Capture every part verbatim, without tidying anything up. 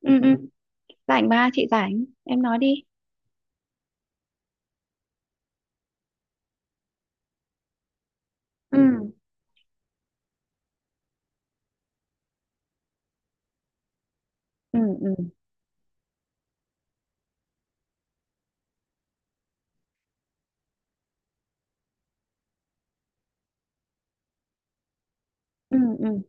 ừ ừ Rảnh, ba chị rảnh, em nói đi. Ừ, ừ, ừ, ừ, ừ.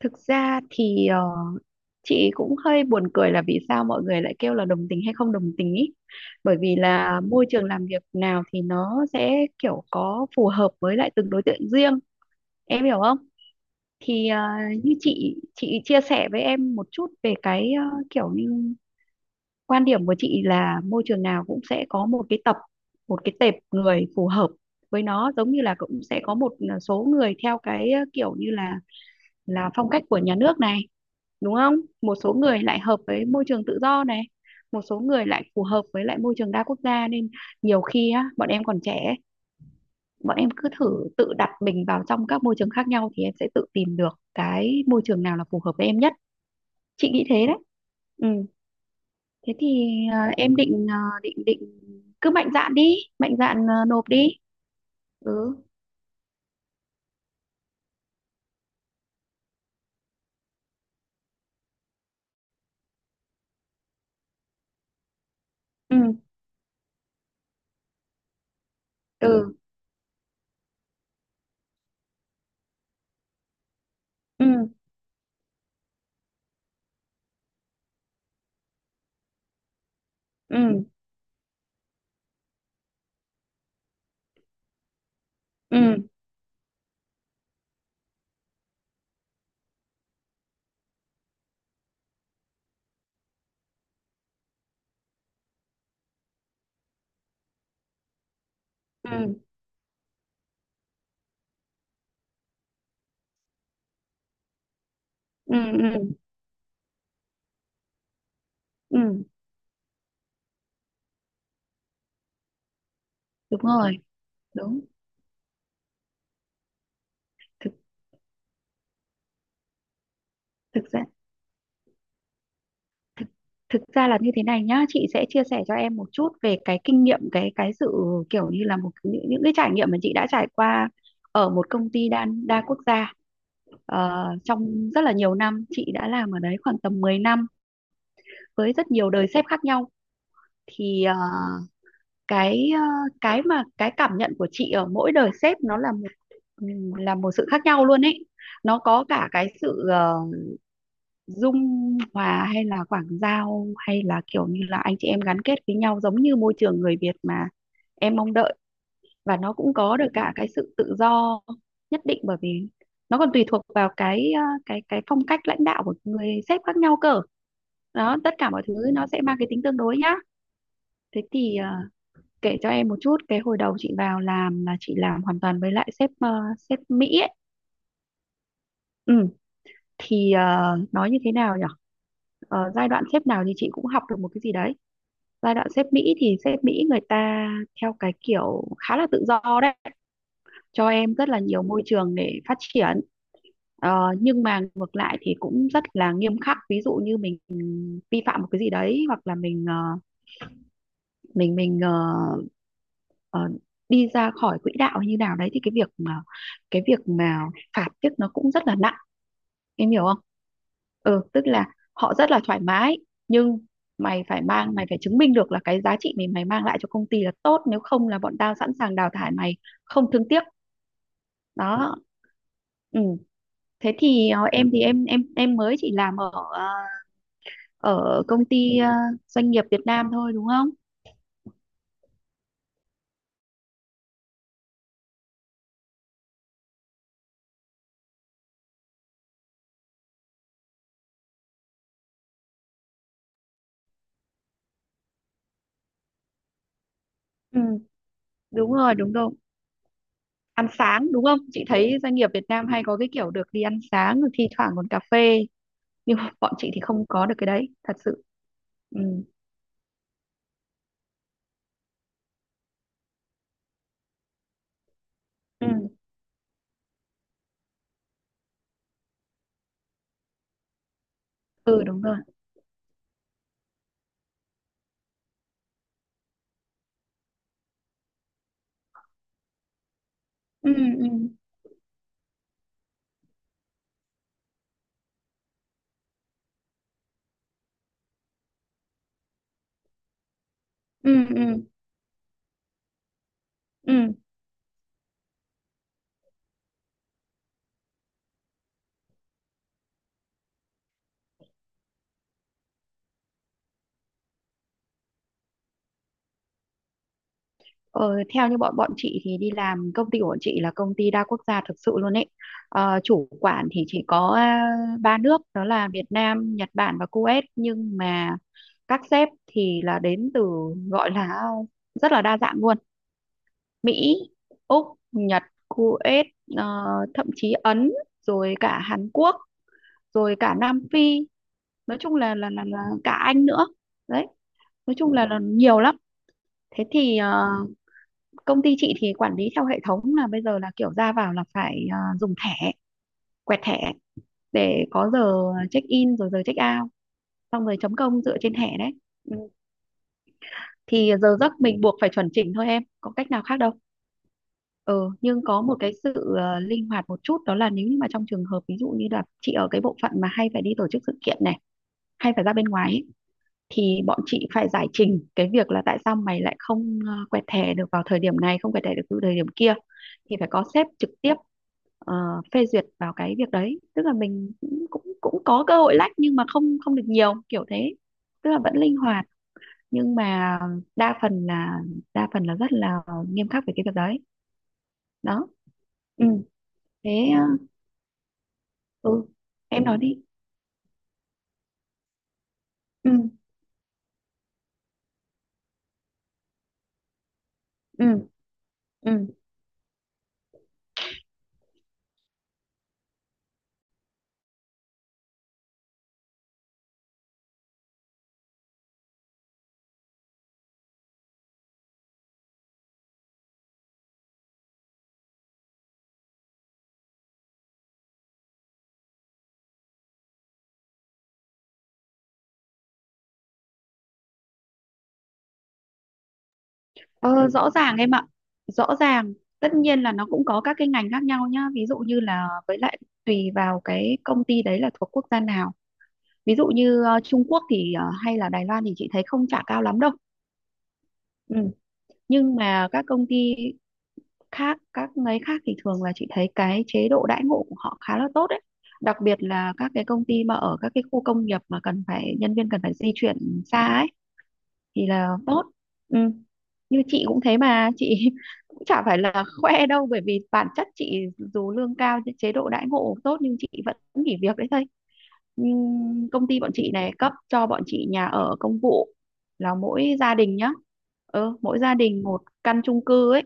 Thực ra thì ờ, chị cũng hơi buồn cười là vì sao mọi người lại kêu là đồng tình hay không đồng tình ý. Bởi vì là môi trường làm việc nào thì nó sẽ kiểu có phù hợp với lại từng đối tượng riêng. Em hiểu không? Thì ờ, như chị chị chia sẻ với em một chút về cái ờ, kiểu như quan điểm của chị là môi trường nào cũng sẽ có một cái tập, một cái tệp người phù hợp với nó, giống như là cũng sẽ có một à, số người theo cái ờ, kiểu như là là phong cách của nhà nước này, đúng không? Một số người lại hợp với môi trường tự do này, một số người lại phù hợp với lại môi trường đa quốc gia nên nhiều khi á, bọn em còn trẻ, bọn em cứ thử tự đặt mình vào trong các môi trường khác nhau thì em sẽ tự tìm được cái môi trường nào là phù hợp với em nhất. Chị nghĩ thế đấy. Ừ. Thế thì ờ, em định ờ, định định cứ mạnh dạn đi, mạnh dạn ờ, nộp đi. Ừ, ừ, ừ, ừ, ừ, ừ, ừ, ừ, ừ, ừ. Đúng rồi. Đúng. Thực thực ra thực ra là như thế này nhá, chị sẽ chia sẻ cho em một chút về cái kinh nghiệm, cái cái sự kiểu như là một những, những cái trải nghiệm mà chị đã trải qua ở một công ty đa đa quốc gia. Ờ, trong rất là nhiều năm chị đã làm ở đấy khoảng tầm mười năm với rất nhiều đời sếp khác nhau. Thì ờ, cái ờ, cái mà cái cảm nhận của chị ở mỗi đời sếp nó là một, ừ, là một sự khác nhau luôn ấy. Nó có cả cái sự ờ, dung hòa, hay là quảng giao, hay là kiểu như là anh chị em gắn kết với nhau giống như môi trường người Việt mà em mong đợi, và nó cũng có được cả cái sự tự do nhất định, bởi vì nó còn tùy thuộc vào cái ờ, cái cái phong cách lãnh đạo của người sếp khác nhau cơ. Đó, tất cả mọi thứ nó sẽ mang cái tính tương đối nhá. Thế thì ờ, kể cho em một chút, cái hồi đầu chị vào làm là chị làm hoàn toàn với lại sếp ờ, sếp Mỹ ấy. Ừ, thì ờ, nói như thế nào nhỉ? Ờ, giai đoạn sếp nào thì chị cũng học được một cái gì đấy. Giai đoạn sếp Mỹ thì sếp Mỹ người ta theo cái kiểu khá là tự do đấy, cho em rất là nhiều môi trường để phát triển. Ờ, nhưng mà ngược lại thì cũng rất là nghiêm khắc. Ví dụ như mình vi phạm một cái gì đấy, hoặc là mình ờ, mình mình ờ, ờ, đi ra khỏi quỹ đạo hay như nào đấy, thì cái việc mà cái việc mà phạt tiếc nó cũng rất là nặng. Em hiểu không? Ừ, tức là họ rất là thoải mái, nhưng mày phải mang mày phải chứng minh được là cái giá trị mình, mày mang lại cho công ty là tốt, nếu không là bọn tao sẵn sàng đào thải mày không thương tiếc. Đó. Ừ. Thế thì ờ, em thì em em em mới chỉ làm ở ờ, ở công ty ờ, doanh nghiệp Việt Nam thôi, đúng không? Ừ. Đúng rồi, đúng rồi. Ăn sáng đúng không? Chị thấy doanh nghiệp Việt Nam hay có cái kiểu được đi ăn sáng rồi thi thoảng còn cà phê, nhưng mà bọn chị thì không có được cái đấy thật sự. Ừ. Ừ. Ừ, đúng rồi. Ừ, ừ, ừ, ừ, ừ. Ờ, Theo như bọn bọn chị thì đi làm, công ty của bọn chị là công ty đa quốc gia thực sự luôn ấy. Ờ, chủ quản thì chỉ có à, ba nước, đó là Việt Nam, Nhật Bản và Kuwait, nhưng mà các sếp thì là đến từ, gọi là, rất là đa dạng luôn: Mỹ, Úc, Nhật, Kuwait, ờ, thậm chí Ấn, rồi cả Hàn Quốc, rồi cả Nam Phi, nói chung là là là, là cả Anh nữa. Đấy, nói chung là, là nhiều lắm. Thế thì ờ, công ty chị thì quản lý theo hệ thống là bây giờ là kiểu ra vào là phải ờ, dùng thẻ, quẹt thẻ để có giờ check in rồi giờ check out, xong rồi chấm công dựa trên thẻ đấy. Ừ. Thì giờ giấc mình buộc phải chuẩn chỉnh thôi em, có cách nào khác đâu. Ừ, nhưng có một cái sự ờ, linh hoạt một chút, đó là nếu như mà trong trường hợp ví dụ như là chị ở cái bộ phận mà hay phải đi tổ chức sự kiện này, hay phải ra bên ngoài ấy, thì bọn chị phải giải trình cái việc là tại sao mày lại không ờ, quẹt thẻ được vào thời điểm này, không quẹt thẻ được từ thời điểm kia, thì phải có sếp trực tiếp ờ, phê duyệt vào cái việc đấy, tức là mình cũng cũng cũng có cơ hội lách, nhưng mà không không được nhiều kiểu thế, tức là vẫn linh hoạt, nhưng mà đa phần là đa phần là rất là nghiêm khắc về cái việc đấy. Đó. Ừ. Thế ờ, ừ, em nói đi. Ừ, ừ, ừ. ờ, Rõ ràng em ạ, rõ ràng. Tất nhiên là nó cũng có các cái ngành khác nhau nhá, ví dụ như là với lại tùy vào cái công ty đấy là thuộc quốc gia nào. Ví dụ như ờ, Trung Quốc thì, ờ, hay là Đài Loan, thì chị thấy không trả cao lắm đâu. Ừ. Nhưng mà các công ty khác, các ngành khác thì thường là chị thấy cái chế độ đãi ngộ của họ khá là tốt đấy, đặc biệt là các cái công ty mà ở các cái khu công nghiệp mà cần phải, nhân viên cần phải di chuyển xa ấy, thì là tốt. Ừ. Như chị cũng thế mà, chị cũng chả phải là khoe đâu, bởi vì bản chất chị dù lương cao, chế độ đãi ngộ tốt, nhưng chị vẫn nghỉ việc đấy thôi. Nhưng công ty bọn chị này cấp cho bọn chị nhà ở công vụ, là mỗi gia đình nhá. Ừ, mỗi gia đình một căn chung cư ấy,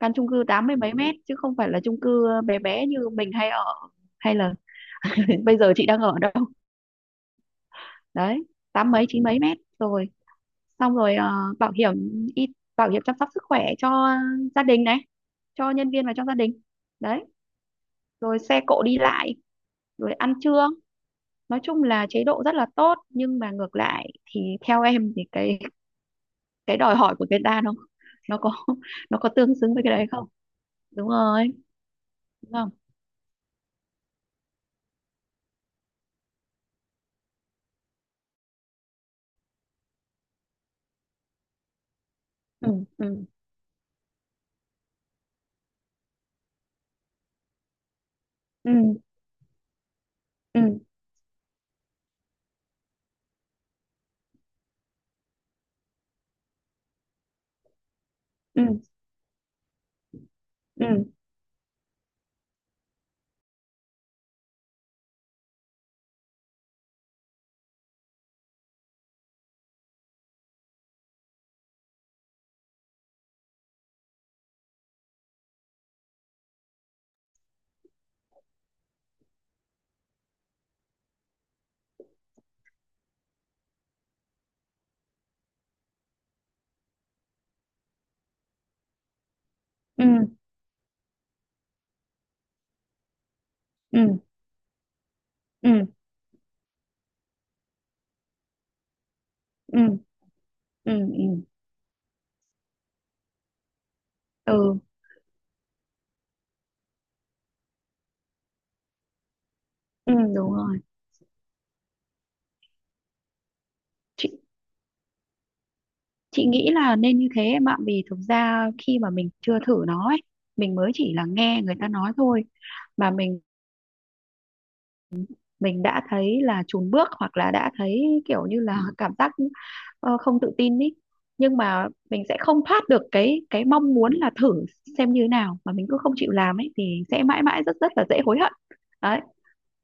căn chung cư tám mươi mấy mét chứ không phải là chung cư bé bé như mình hay ở, hay là bây giờ chị đang ở, đâu đấy tám mấy chín mấy mét rồi. Xong rồi ờ, bảo hiểm y bảo hiểm chăm sóc sức khỏe cho gia đình này, cho nhân viên và cho gia đình. Đấy. Rồi xe cộ đi lại, rồi ăn trưa, nói chung là chế độ rất là tốt, nhưng mà ngược lại thì theo em thì cái cái đòi hỏi của Việt Nam, nó, nó có nó có tương xứng với cái đấy không? Đúng rồi, đúng không? Ừ, ừ, ừ, ừ, ừ, ừ, ừ, ừ, ừ, ừ, ừ, ừ, ừ, ừ, đúng rồi. chị chị nghĩ là nên như thế em ạ, vì thực ra khi mà mình chưa thử nó ấy, mình mới chỉ là nghe người ta nói thôi mà mình mình đã thấy là chùn bước hoặc là đã thấy kiểu như là cảm giác ờ, không tự tin ý, nhưng mà mình sẽ không thoát được cái cái mong muốn là thử xem như thế nào, mà mình cứ không chịu làm ấy thì sẽ mãi mãi rất rất là dễ hối hận. Đấy.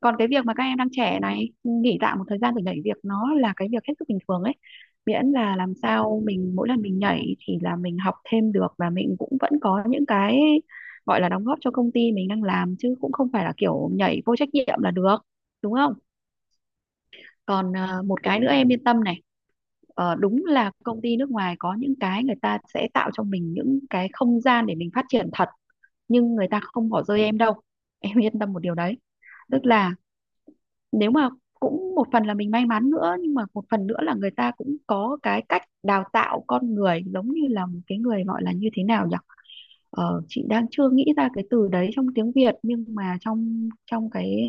Còn cái việc mà các em đang trẻ này nghỉ tạm một thời gian rồi nhảy việc, nó là cái việc hết sức bình thường ấy, miễn là làm sao mình, mỗi lần mình nhảy thì là mình học thêm được và mình cũng vẫn có những cái gọi là đóng góp cho công ty mình đang làm, chứ cũng không phải là kiểu nhảy vô trách nhiệm là được, đúng không? Còn à, một cái nữa em yên tâm này. Ờ, đúng là công ty nước ngoài có những cái người ta sẽ tạo cho mình những cái không gian để mình phát triển thật, nhưng người ta không bỏ rơi em đâu, em yên tâm một điều đấy. Tức là nếu mà, cũng một phần là mình may mắn nữa, nhưng mà một phần nữa là người ta cũng có cái cách đào tạo con người giống như là một cái người, gọi là như thế nào nhỉ, ờ, chị đang chưa nghĩ ra cái từ đấy trong tiếng Việt, nhưng mà trong trong cái,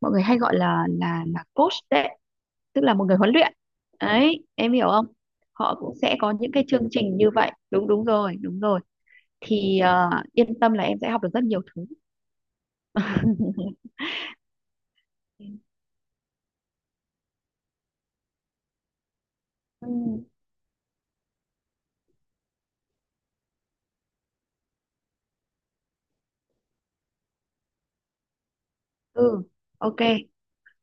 mọi người hay gọi là là là coach đấy, tức là một người huấn luyện. Đấy, em hiểu không? Họ cũng sẽ có những cái chương trình như vậy, đúng, đúng rồi, đúng rồi. Thì ờ, yên tâm là em sẽ học được rất nhiều thứ. Ừ, ừ. Ok.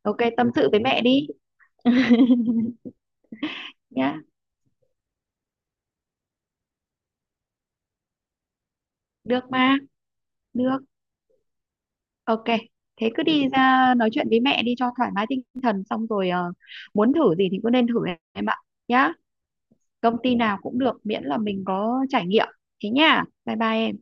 Ok, tâm sự với mẹ đi nhá, được mà, được, ok. Thế cứ đi ra nói chuyện với mẹ đi cho thoải mái tinh thần, xong rồi ờ, muốn thử gì thì cứ nên thử em ạ, nhá. Công ty nào cũng được miễn là mình có trải nghiệm. Thế nha, bye bye em.